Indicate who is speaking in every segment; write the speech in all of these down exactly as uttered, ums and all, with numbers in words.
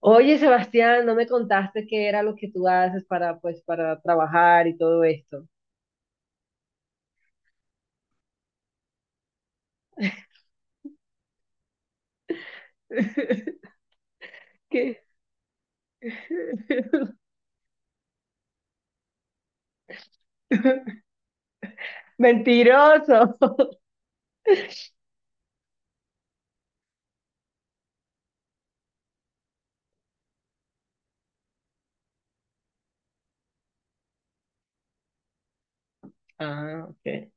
Speaker 1: Oye, Sebastián, no me contaste qué era lo que tú haces para, pues, para trabajar y todo esto. ¿Qué? Mentiroso. Ah, ok.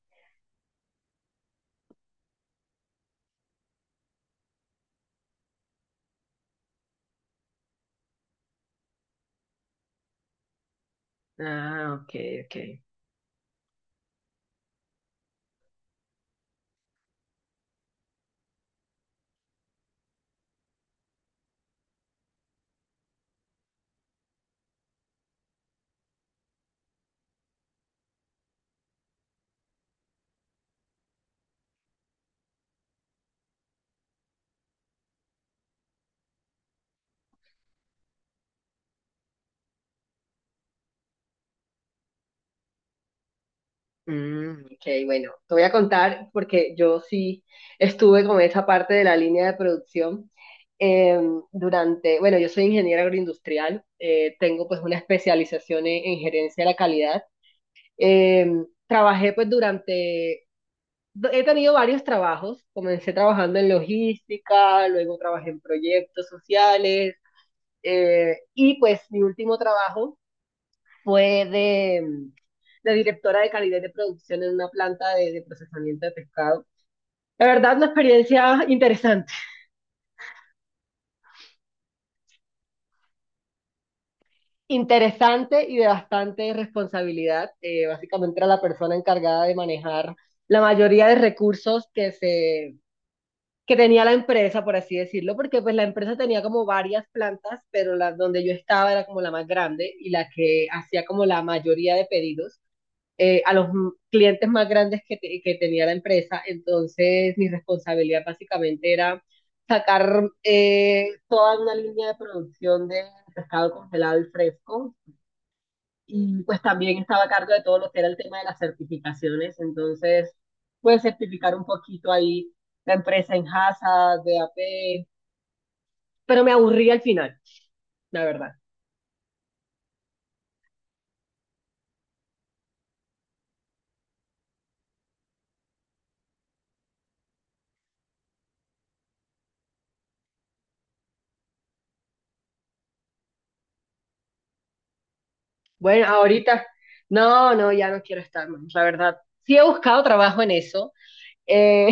Speaker 1: Ah, ok, ok. Mm, ok, bueno, te voy a contar porque yo sí estuve con esa parte de la línea de producción em, durante, bueno, yo soy ingeniera agroindustrial, eh, tengo pues una especialización en, en gerencia de la calidad. Em, trabajé pues durante do- he tenido varios trabajos. Comencé trabajando en logística, luego trabajé en proyectos sociales, eh, y pues mi último trabajo fue de, mm, de directora de calidad de producción en una planta de, de procesamiento de pescado. La verdad, una experiencia interesante, interesante y de bastante responsabilidad. Eh, básicamente era la persona encargada de manejar la mayoría de recursos que se que tenía la empresa, por así decirlo, porque pues la empresa tenía como varias plantas, pero la donde yo estaba era como la más grande y la que hacía como la mayoría de pedidos, eh, a los m- clientes más grandes que, te- que tenía la empresa. Entonces mi responsabilidad básicamente era sacar eh, toda una línea de producción de pescado congelado y fresco, y pues también estaba a cargo de todo lo que era el tema de las certificaciones. Entonces pude certificar un poquito ahí la empresa en Hazard, de A P, pero me aburrí al final, la verdad. Bueno, ahorita, no, no, ya no quiero estar más, la verdad. Sí he buscado trabajo en eso, eh,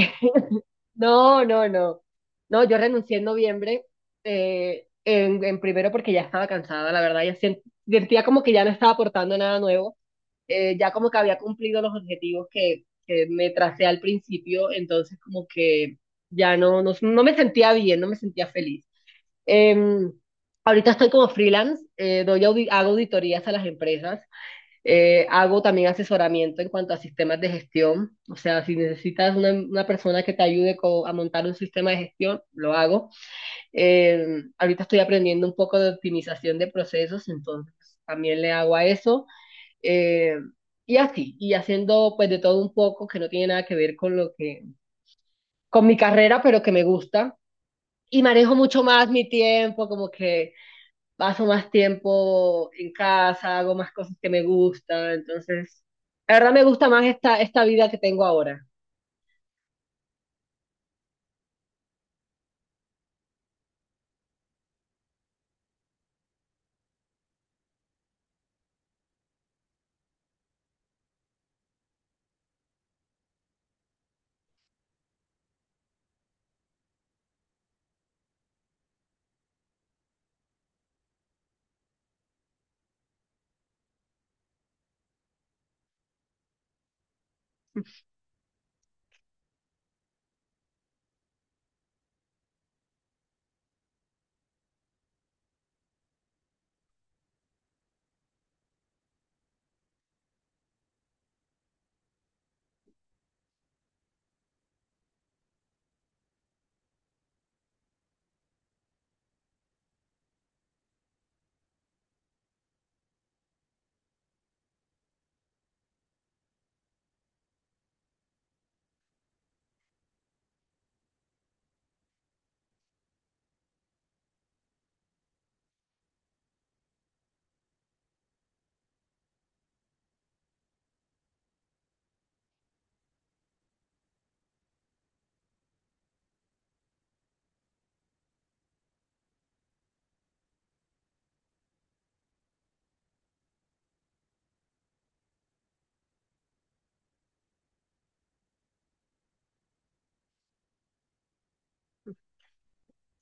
Speaker 1: no, no, no. No, yo renuncié en noviembre, eh, en, en primero porque ya estaba cansada, la verdad, ya sien- sentía como que ya no estaba aportando nada nuevo. eh, ya como que había cumplido los objetivos que, que me tracé al principio, entonces como que ya no, no, no me sentía bien, no me sentía feliz. Em, ahorita estoy como freelance. eh, doy audi- hago auditorías a las empresas, eh, hago también asesoramiento en cuanto a sistemas de gestión. O sea, si necesitas una, una persona que te ayude co- a montar un sistema de gestión, lo hago. Eh, ahorita estoy aprendiendo un poco de optimización de procesos, entonces también le hago a eso. Eh, y así, y haciendo pues de todo un poco que no tiene nada que ver con lo que, con mi carrera, pero que me gusta. Y manejo mucho más mi tiempo, como que paso más tiempo en casa, hago más cosas que me gustan. Entonces, la verdad me gusta más esta, esta vida que tengo ahora.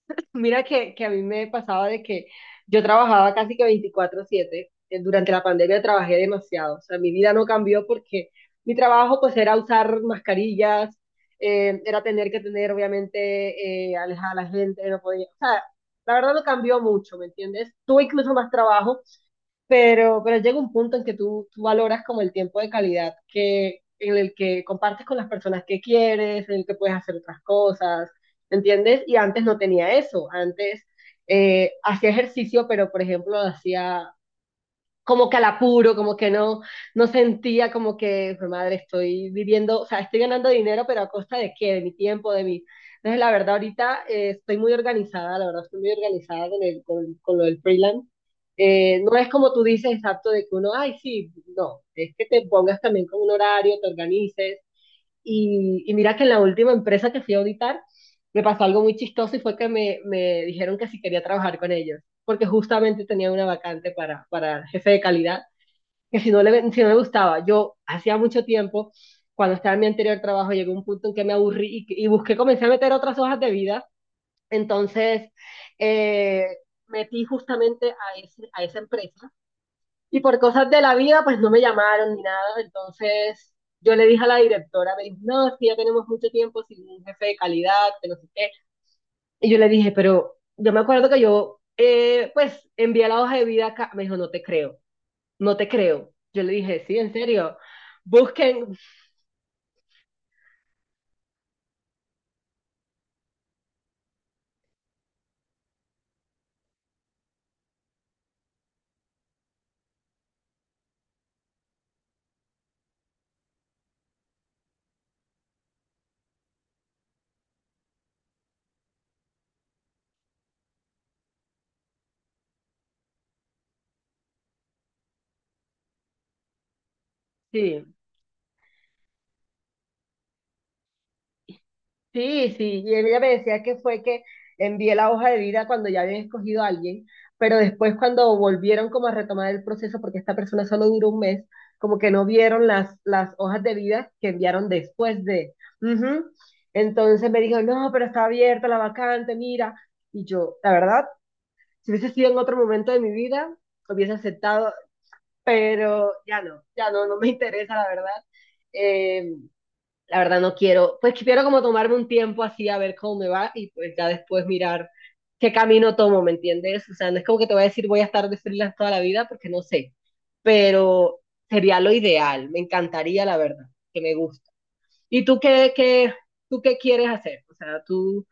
Speaker 1: Mira que, que a mí me pasaba de que yo trabajaba casi que veinticuatro siete. Eh, Durante la pandemia trabajé demasiado. O sea, mi vida no cambió porque mi trabajo pues era usar mascarillas. eh, era tener que tener obviamente eh, alejar a la gente, no podía. O sea, la verdad no cambió mucho, ¿me entiendes? Tuve incluso más trabajo, pero, pero llega un punto en que tú, tú valoras como el tiempo de calidad que, en el que compartes con las personas que quieres, en el que puedes hacer otras cosas, ¿entiendes? Y antes no tenía eso, antes eh, hacía ejercicio, pero por ejemplo lo hacía como que al apuro, como que no, no sentía como que, "Jue madre, estoy viviendo, o sea, estoy ganando dinero, pero a costa de qué, de mi tiempo, de mi... Entonces, la verdad, ahorita eh, estoy muy organizada, la verdad, estoy muy organizada con, el, con, con lo del freelance. Eh, no es como tú dices, exacto, de que uno, ay, sí, no, es que te pongas también con un horario, te organices, y, y mira que en la última empresa que fui a auditar, me pasó algo muy chistoso y fue que me, me dijeron que si quería trabajar con ellos, porque justamente tenía una vacante para, para jefe de calidad, que si no, le, si no me gustaba, yo hacía mucho tiempo, cuando estaba en mi anterior trabajo, llegó un punto en que me aburrí y, y busqué, comencé a meter otras hojas de vida. Entonces eh, metí justamente a, ese, a esa empresa y por cosas de la vida, pues no me llamaron ni nada. Entonces yo le dije a la directora, me dijo, no, es que ya tenemos mucho tiempo sin un jefe de calidad, que no sé qué. Y yo le dije, pero yo me acuerdo que yo, eh, pues, envié la hoja de vida acá. Me dijo, no te creo, no te creo. Yo le dije, sí, en serio. Busquen, sí, sí, sí, y ella me decía que fue que envié la hoja de vida cuando ya habían escogido a alguien, pero después cuando volvieron como a retomar el proceso, porque esta persona solo duró un mes, como que no vieron las, las hojas de vida que enviaron después de. Ujú. Entonces me dijo, no, pero está abierta la vacante, mira. Y yo, la verdad, si hubiese sido en otro momento de mi vida, hubiese aceptado, pero ya no, ya no, no me interesa, la verdad. Eh, la verdad no quiero, pues quiero como tomarme un tiempo así a ver cómo me va y pues ya después mirar qué camino tomo, ¿me entiendes? O sea, no es como que te voy a decir voy a estar de freelance toda la vida porque no sé, pero sería lo ideal, me encantaría la verdad, que me gusta. ¿Y tú qué, qué, tú qué quieres hacer? O sea, tú...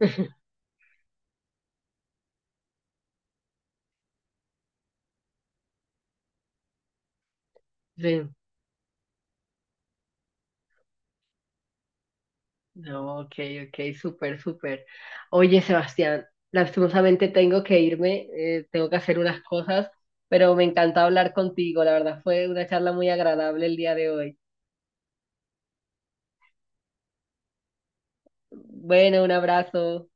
Speaker 1: Sí. No, ok, ok, súper, súper. Oye, Sebastián, lastimosamente tengo que irme, eh, tengo que hacer unas cosas, pero me encanta hablar contigo, la verdad fue una charla muy agradable el día de hoy. Bueno, un abrazo.